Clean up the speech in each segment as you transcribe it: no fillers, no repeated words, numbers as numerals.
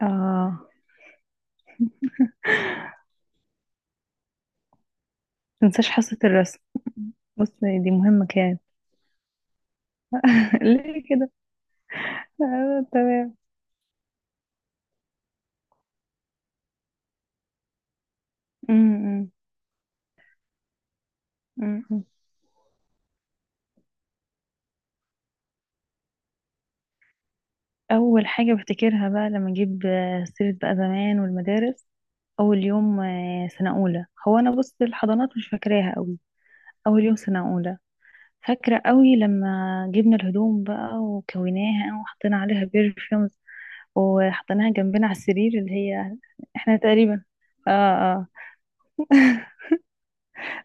اه متنساش حصة الرسم. بص، دي مهمة كانت. ليه كده؟ تمام. أمم، أمم، أمم. أول حاجة بفتكرها بقى لما أجيب سيرة بقى زمان والمدارس. أول يوم سنة أولى، هو أنا بص، الحضانات مش فاكراها أوي. أول يوم سنة أولى، فاكرة أوي لما جبنا الهدوم بقى وكويناها وحطينا عليها برفيومز وحطيناها جنبنا على السرير اللي هي احنا تقريبا. اه، اه،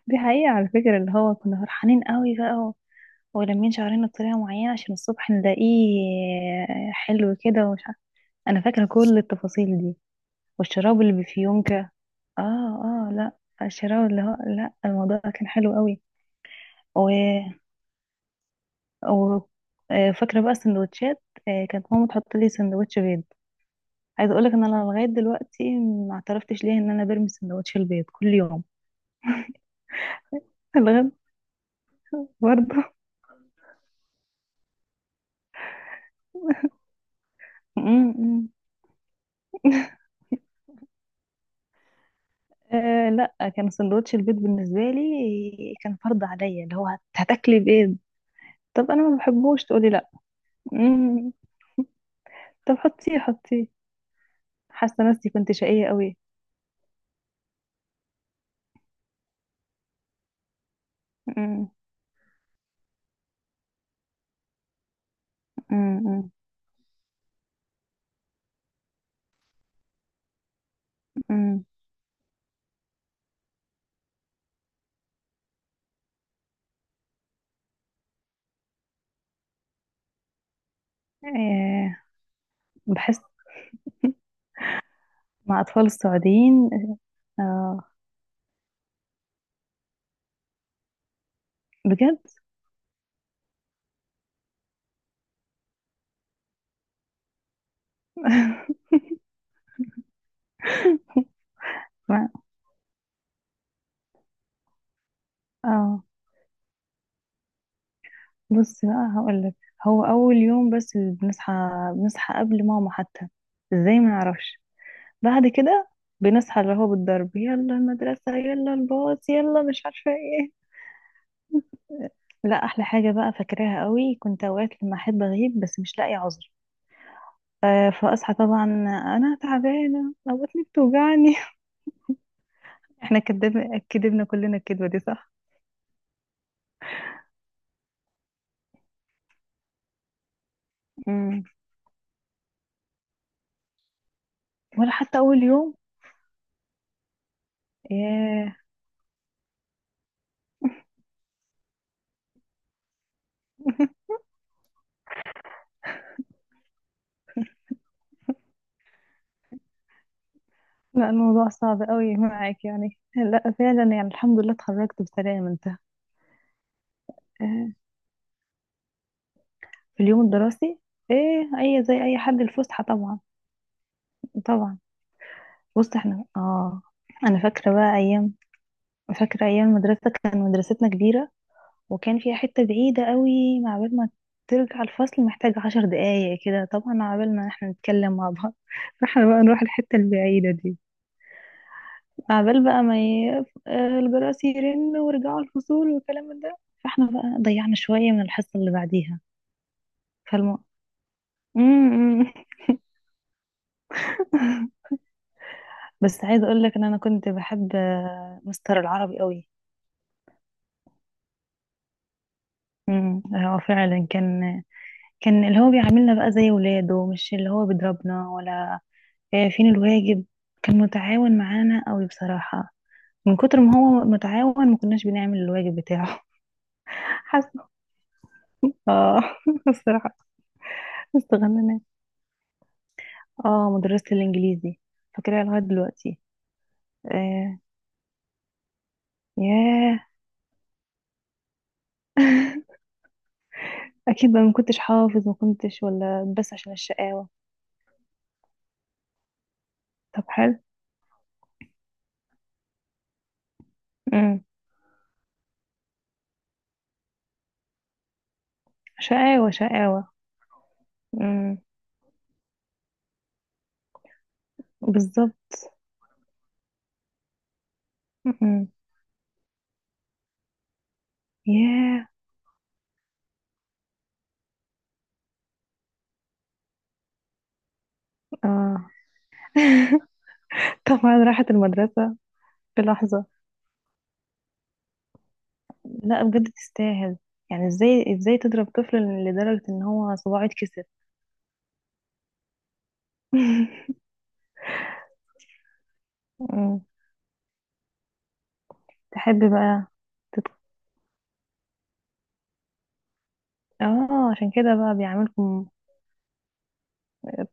دي حقيقة على فكرة، اللي هو كنا فرحانين قوي بقى ولمين شعرنا بطريقة معينة عشان الصبح نلاقيه حلو كده ومش عارف. أنا فاكرة كل التفاصيل دي، والشراب اللي بفيونكة. اه، اه، لا، الشراب اللي هو لا، الموضوع كان حلو قوي. و... و... فاكرة بقى السندوتشات. كانت ماما تحط لي سندوتش بيض. عايزة اقولك ان انا لغاية دلوقتي ما اعترفتش ليه ان انا برمي سندوتش البيض كل يوم. لغاية برضه م- م. أه، لا، كان سندوتش البيض بالنسبة لي كان فرض عليا اللي هو هتاكلي بيض. طب انا ما بحبوش، تقولي لا. مم. طب، حطيه حطيه. حاسة نفسي كنت شقية قوي. مم. مم. مم. مم. أه، بحس. مع اطفال السعوديين. اه، بجد. ما- اه، بصي بقى هقول لك. هو اول يوم بس اللي بنصحى، بنصحى قبل ماما حتى. ازاي؟ ما نعرفش. بعد كده بنصحى اللي هو بالضرب، يلا المدرسة، يلا الباص، يلا مش عارفة ايه. لا، أحلى حاجة بقى فاكراها قوي، كنت أوقات لما أحب أغيب بس مش لاقي عذر. فأصحى طبعا أنا تعبانة أو بطني بتوجعني. احنا كدبنا كدبنا كلنا الكدبة دي، صح؟ مم. ولا حتى أول يوم. ياه. لا، الموضوع صعب قوي معاك يعني. لا، فعلا يعني الحمد لله اتخرجت بسلام انت. آه، في اليوم الدراسي، ايه اي زي اي حد؟ الفسحة طبعا، طبعا. بص، احنا اه، انا فاكره بقى ايام. فاكره ايام المدرسه، كان مدرستنا كبيره وكان فيها حته بعيده قوي، مع بال ما ترجع الفصل محتاج عشر دقايق كده طبعا، مع بال ما احنا نتكلم مع بعض فاحنا بقى نروح الحته البعيده دي، مع بال بقى ما ي... الجرس يرن ورجعوا الفصول والكلام من ده، فاحنا بقى ضيعنا شويه من الحصه اللي بعديها. فالم... مم. بس عايزه اقول لك ان انا كنت بحب مستر العربي قوي. امم، هو فعلا كان اللي هو بيعاملنا بقى زي ولاده، مش اللي هو بيضربنا ولا فين الواجب. كان متعاون معانا قوي بصراحة. من كتر ما هو متعاون ما كناش بنعمل الواجب بتاعه. حاسة. اه. الصراحة استغنينا. اه، مدرسة الإنجليزي فاكراها لغاية دلوقتي. آه. ياه. أكيد بقى ما كنتش حافظ، ما كنتش ولا بس عشان الشقاوة. طب حلو. امم. شقاوة شقاوة. امم. بالظبط. امم. ياه. اه، طبعا راحت المدرسة في لحظة. لا، بجد تستاهل. يعني ازاي ازاي تضرب طفل لدرجة ان هو صباعه يتكسر؟ أمم. تحب بقى. تت... اه، عشان كده بقى بيعملكم.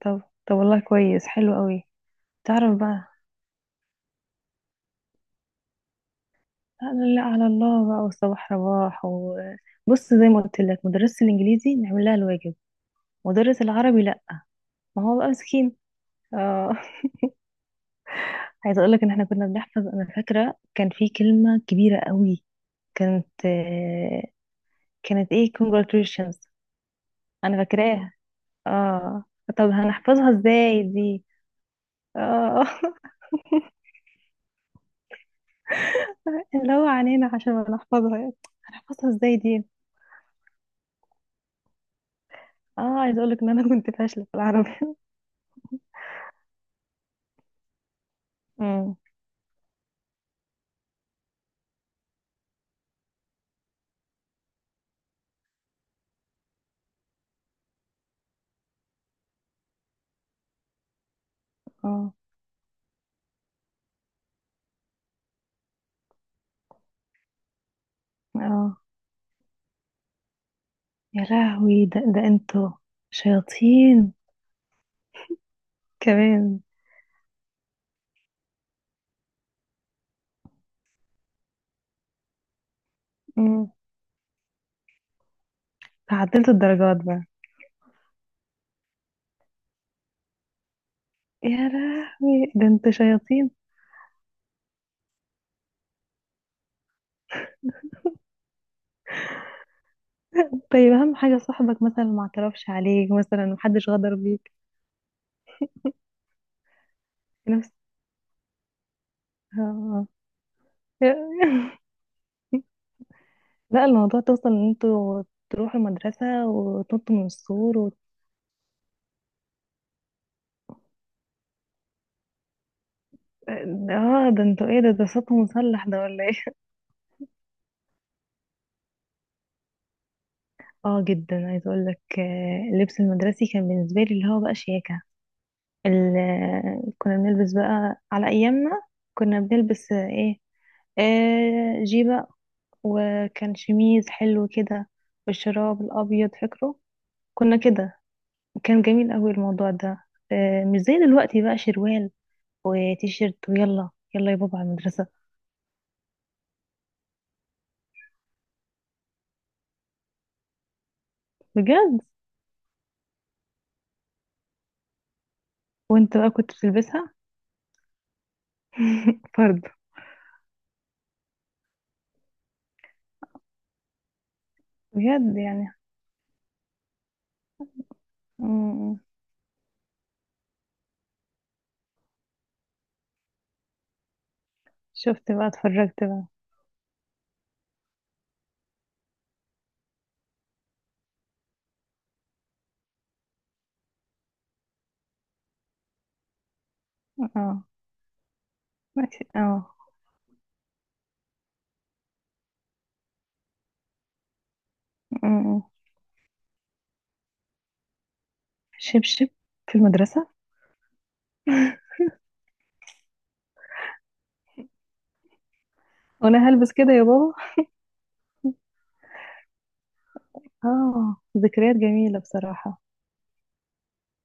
طب، طب والله كويس، حلو قوي. تعرف بقى. لا، لا على الله بقى والصباح رباح، وبص زي ما قلت لك مدرسة الانجليزي نعمل لها الواجب، مدرس العربي لا. ما هو بقى مسكين. اه. عايزه اقول لك ان احنا كنا بنحفظ. انا فاكره كان في كلمه كبيره قوي، كانت كانت ايه؟ congratulations. انا فاكراها. اه، طب هنحفظها ازاي دي؟ اه. اللي هو عنينا عشان ما نحفظها يعني. هنحفظها ازاي دي؟ اه، عايز اقولك ان انا كنت فاشلة في العربي. امم. اه. اه. يا لهوي، ده ده انتوا شياطين. كمان. امم. تعدلتوا الدرجات بقى. يا لهوي، ده انتوا شياطين. طيب، اهم حاجة صاحبك مثلا ما اعترفش عليك، مثلا محدش غدر بيك. نفس. اه. آه. لا، الموضوع توصل ان انتوا تروحوا المدرسة وتنطوا من السور اه، ده انتوا ايه؟ ده ده صوته مسلح ده ولا ايه؟ اه جدا. عايزة اقول لك اللبس المدرسي كان بالنسبة لي اللي هو بقى شياكة. كنا بنلبس بقى على ايامنا، كنا بنلبس ايه، آه جيبة وكان شميز حلو كده والشراب الابيض فاكره. كنا كده، كان جميل قوي الموضوع ده. آه، مش زي دلوقتي بقى شروال وتيشيرت ويلا يلا يا بابا على المدرسة. بجد. وانت بقى كنت بتلبسها؟ فرد. بجد يعني. مم. شفت بقى، اتفرجت بقى. اه، ماشي، اه. مم. شبشب في المدرسة، وانا هلبس كده يا بابا؟ اه، ذكريات جميلة بصراحة.